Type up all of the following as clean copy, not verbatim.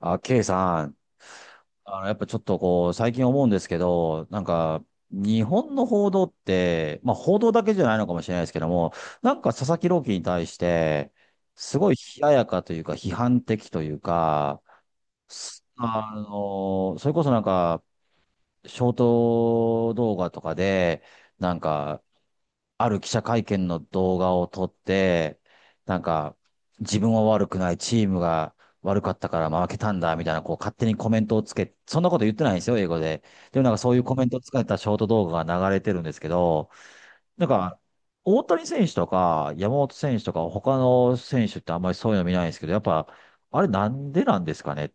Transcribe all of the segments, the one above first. あ、ケイさん、やっぱちょっとこう、最近思うんですけど、なんか、日本の報道って、まあ報道だけじゃないのかもしれないですけども、なんか佐々木朗希に対して、すごい冷ややかというか、批判的というか、すあの、それこそなんか、ショート動画とかで、なんか、ある記者会見の動画を撮って、なんか、自分は悪くない、チームが悪かったから負けたんだ、みたいな、こう、勝手にコメントをつけ、そんなこと言ってないんですよ、英語で。でもなんかそういうコメントをつけたショート動画が流れてるんですけど、なんか、大谷選手とか、山本選手とか、他の選手ってあんまりそういうの見ないんですけど、やっぱ、あれなんでなんですかねっ？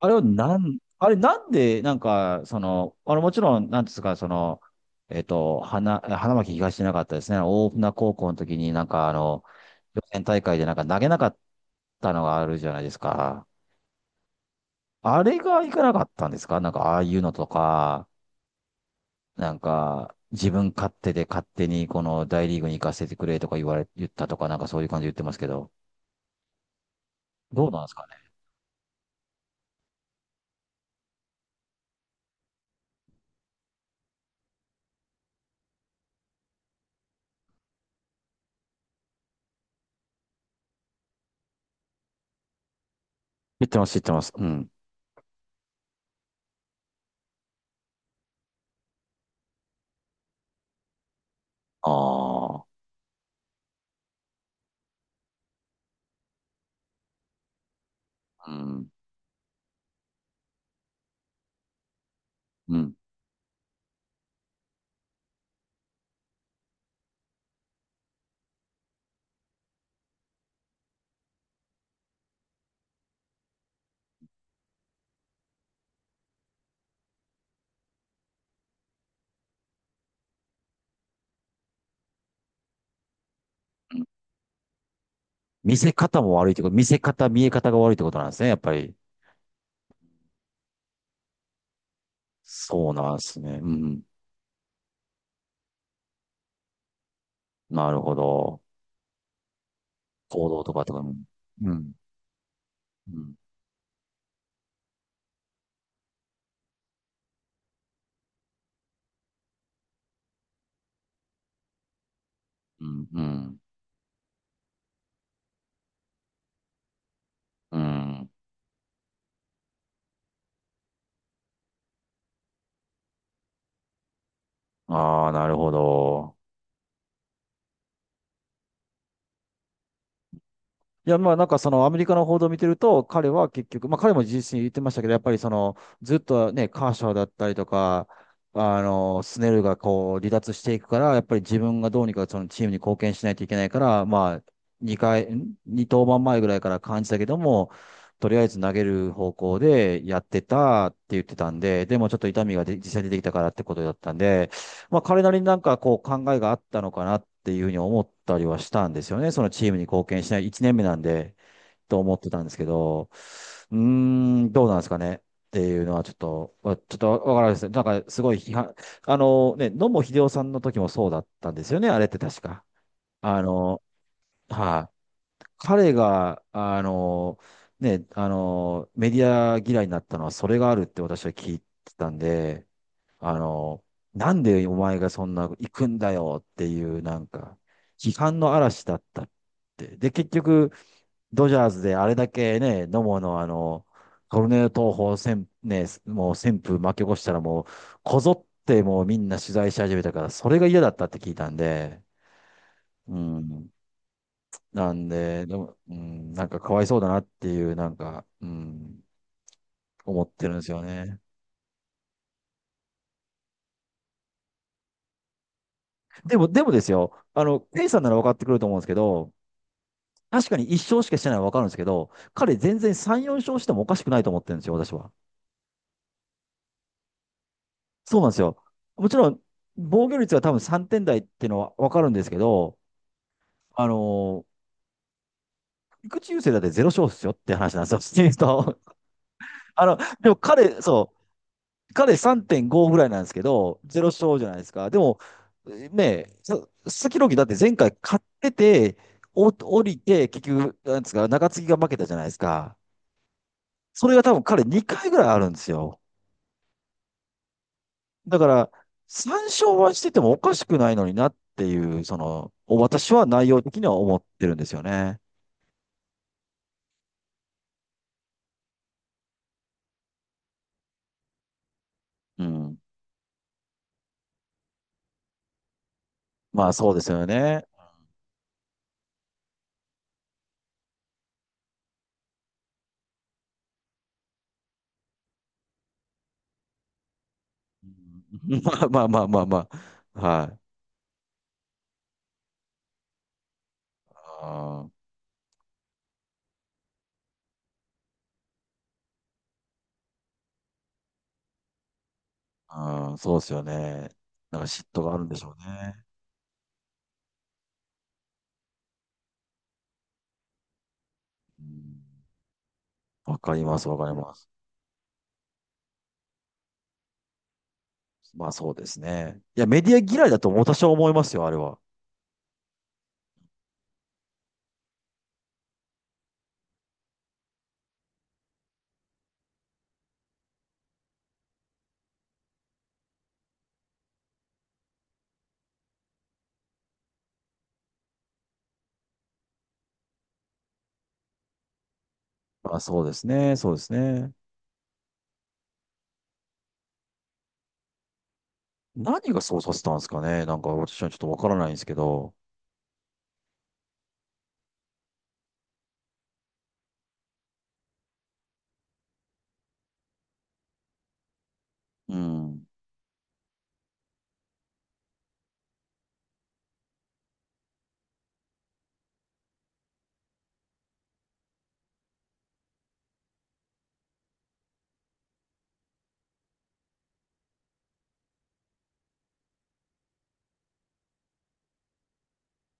あれをなん、あれなんで、なんか、その、あのもちろん、なんですか、その、花巻東じゃなかったですね。大船高校の時になんかあの、予選大会でなんか投げなかったのがあるじゃないですか。あれがいかなかったんですかなんかああいうのとか、なんか、自分勝手で勝手にこの大リーグに行かせてくれとか言われ、言ったとか、なんかそういう感じで言ってますけど、どうなんですかね。言ってます、言ってます。うん。ああ、うん、うん、うん。見せ方も悪いってこと、見せ方、見え方が悪いってことなんですね、やっぱり。そうなんですね。うん。なるほど。行動とかも。うん。うん。うん。うん。うん。ああ、なるほど。いや、まあなんかそのアメリカの報道を見てると、彼は結局、まあ彼も質に言ってましたけど、やっぱりそのずっとね、カーショーだったりとか、あの、スネルがこう離脱していくから、やっぱり自分がどうにかそのチームに貢献しないといけないから、まあ2回、二登板前ぐらいから感じたけども、とりあえず投げる方向でやってたって言ってたんで、でもちょっと痛みがで実際出てきたからってことだったんで、まあ、彼なりになんかこう考えがあったのかなっていうふうに思ったりはしたんですよね。そのチームに貢献しない1年目なんで、と思ってたんですけど、うーん、どうなんですかね。っていうのはちょっと、ちょっとわからないですね。なんかすごい批判、あのね、野茂英雄さんの時もそうだったんですよね、あれって確か。あの、はい、彼が、ね、メディア嫌いになったのはそれがあるって私は聞いてたんで、あの、なんでお前がそんな行くんだよっていうなんか、批判の嵐だったって。で、結局、ドジャースであれだけね、野茂のあの、トルネード投法、ね、もう旋風巻き起こしたらもう、こぞってもうみんな取材し始めたから、それが嫌だったって聞いたんで、うん。なんで、でも、うん、なんかかわいそうだなっていう、なんか、うん、思ってるんですよね。でもですよ、あの、ケイさんなら分かってくると思うんですけど、確かに1勝しかしてないのはわかるんですけど、彼全然3、4勝してもおかしくないと思ってるんですよ、私は。そうなんですよ。もちろん、防御率が多分3点台っていうのはわかるんですけど、あのー、菊池雄星だって0勝ですよって話なんですよ、シーズンと。でも彼、そう、彼3.5ぐらいなんですけど、0勝じゃないですか。でも、ねえ、佐々木朗希だって前回勝ってて、降りて、結局、なんですか、中継ぎが負けたじゃないですか。それが多分彼2回ぐらいあるんですよ。だから、参照はしててもおかしくないのになっていう、その、私は内容的には思ってるんですよね。うん。まあそうですよね。うん。 まあまあまあまあまあ、はい。うん、うんそうですよね。なんか嫉妬があるんでしょうね。うん、わかります、わかります。まあそうですね。いや、メディア嫌いだと私は思いますよ、あれは。まあそうですね、そうですね。何がそうさせたんですかね。なんか私はちょっとわからないんですけど。うん。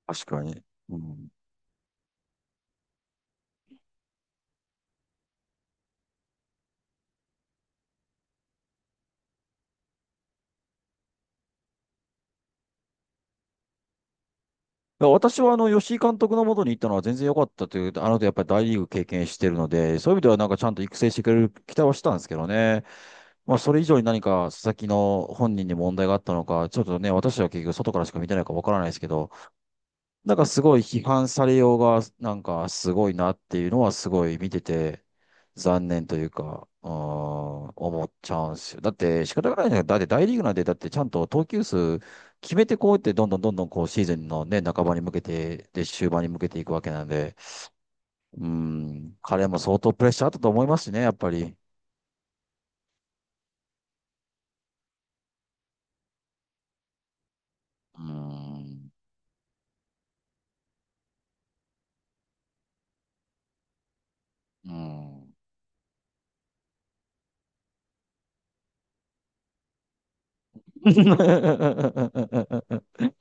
確かに。うん。だから私はあの、吉井監督のもとに行ったのは全然良かったという、あの後やっぱり大リーグ経験してるので、そういう意味ではなんかちゃんと育成してくれる期待はしたんですけどね。まあ、それ以上に何か佐々木の本人に問題があったのか、ちょっとね、私は結局外からしか見てないからわからないですけど、だからすごい批判されようが、なんかすごいなっていうのはすごい見てて、残念というか、思っちゃうんですよ。だって仕方がないじゃないだって大リーグなんて、だってちゃんと投球数決めてこうやってどんどんどんどんこうシーズンのね、半ばに向けて、で、終盤に向けていくわけなんで、うーん、彼も相当プレッシャーあったと思いますしね、やっぱり。うーん、うーん。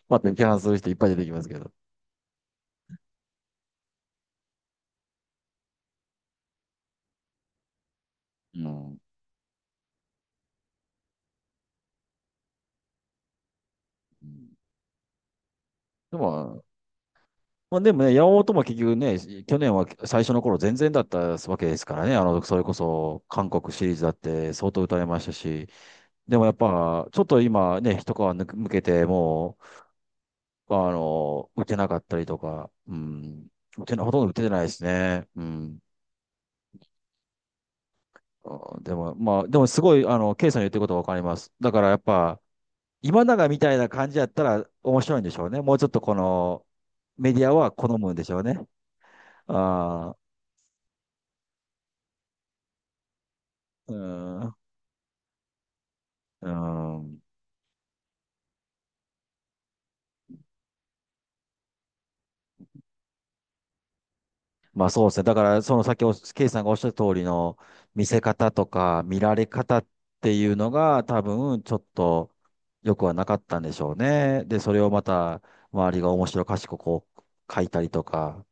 また批判する人いっぱい出てきますけど。うん。うんでも、まあ、でもね、山本も結局ね、去年は最初の頃全然だったわけですからね、あの、それこそ韓国シリーズだって相当打たれましたし、でもやっぱ、ちょっと今ね、一皮抜けて、もう、あの、打てなかったりとか、うん、打てな、ほとんど打ててないですね。うん。あでも、まあ、でもすごい、あの、ケイさんの言ってることわかります。だからやっぱ、今永みたいな感じやったら面白いんでしょうね。もうちょっとこの、メディアは好むんでしょうね。ああ、うん、うん。まあそうですね。だから、その先、ケイさんがおっしゃる通りの見せ方とか見られ方っていうのが多分ちょっと良くはなかったんでしょうね。で、それをまた周りが面白おかしくこう書いたりとか、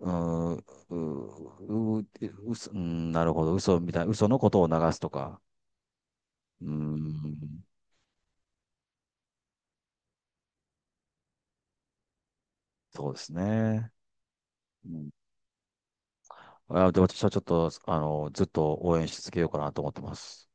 うーん、ううううすうん、なるほど、嘘みたいな、嘘のことを流すとか、うーん、そうですね。うん、あ、で、私はちょっと、あの、ずっと応援し続けようかなと思ってます。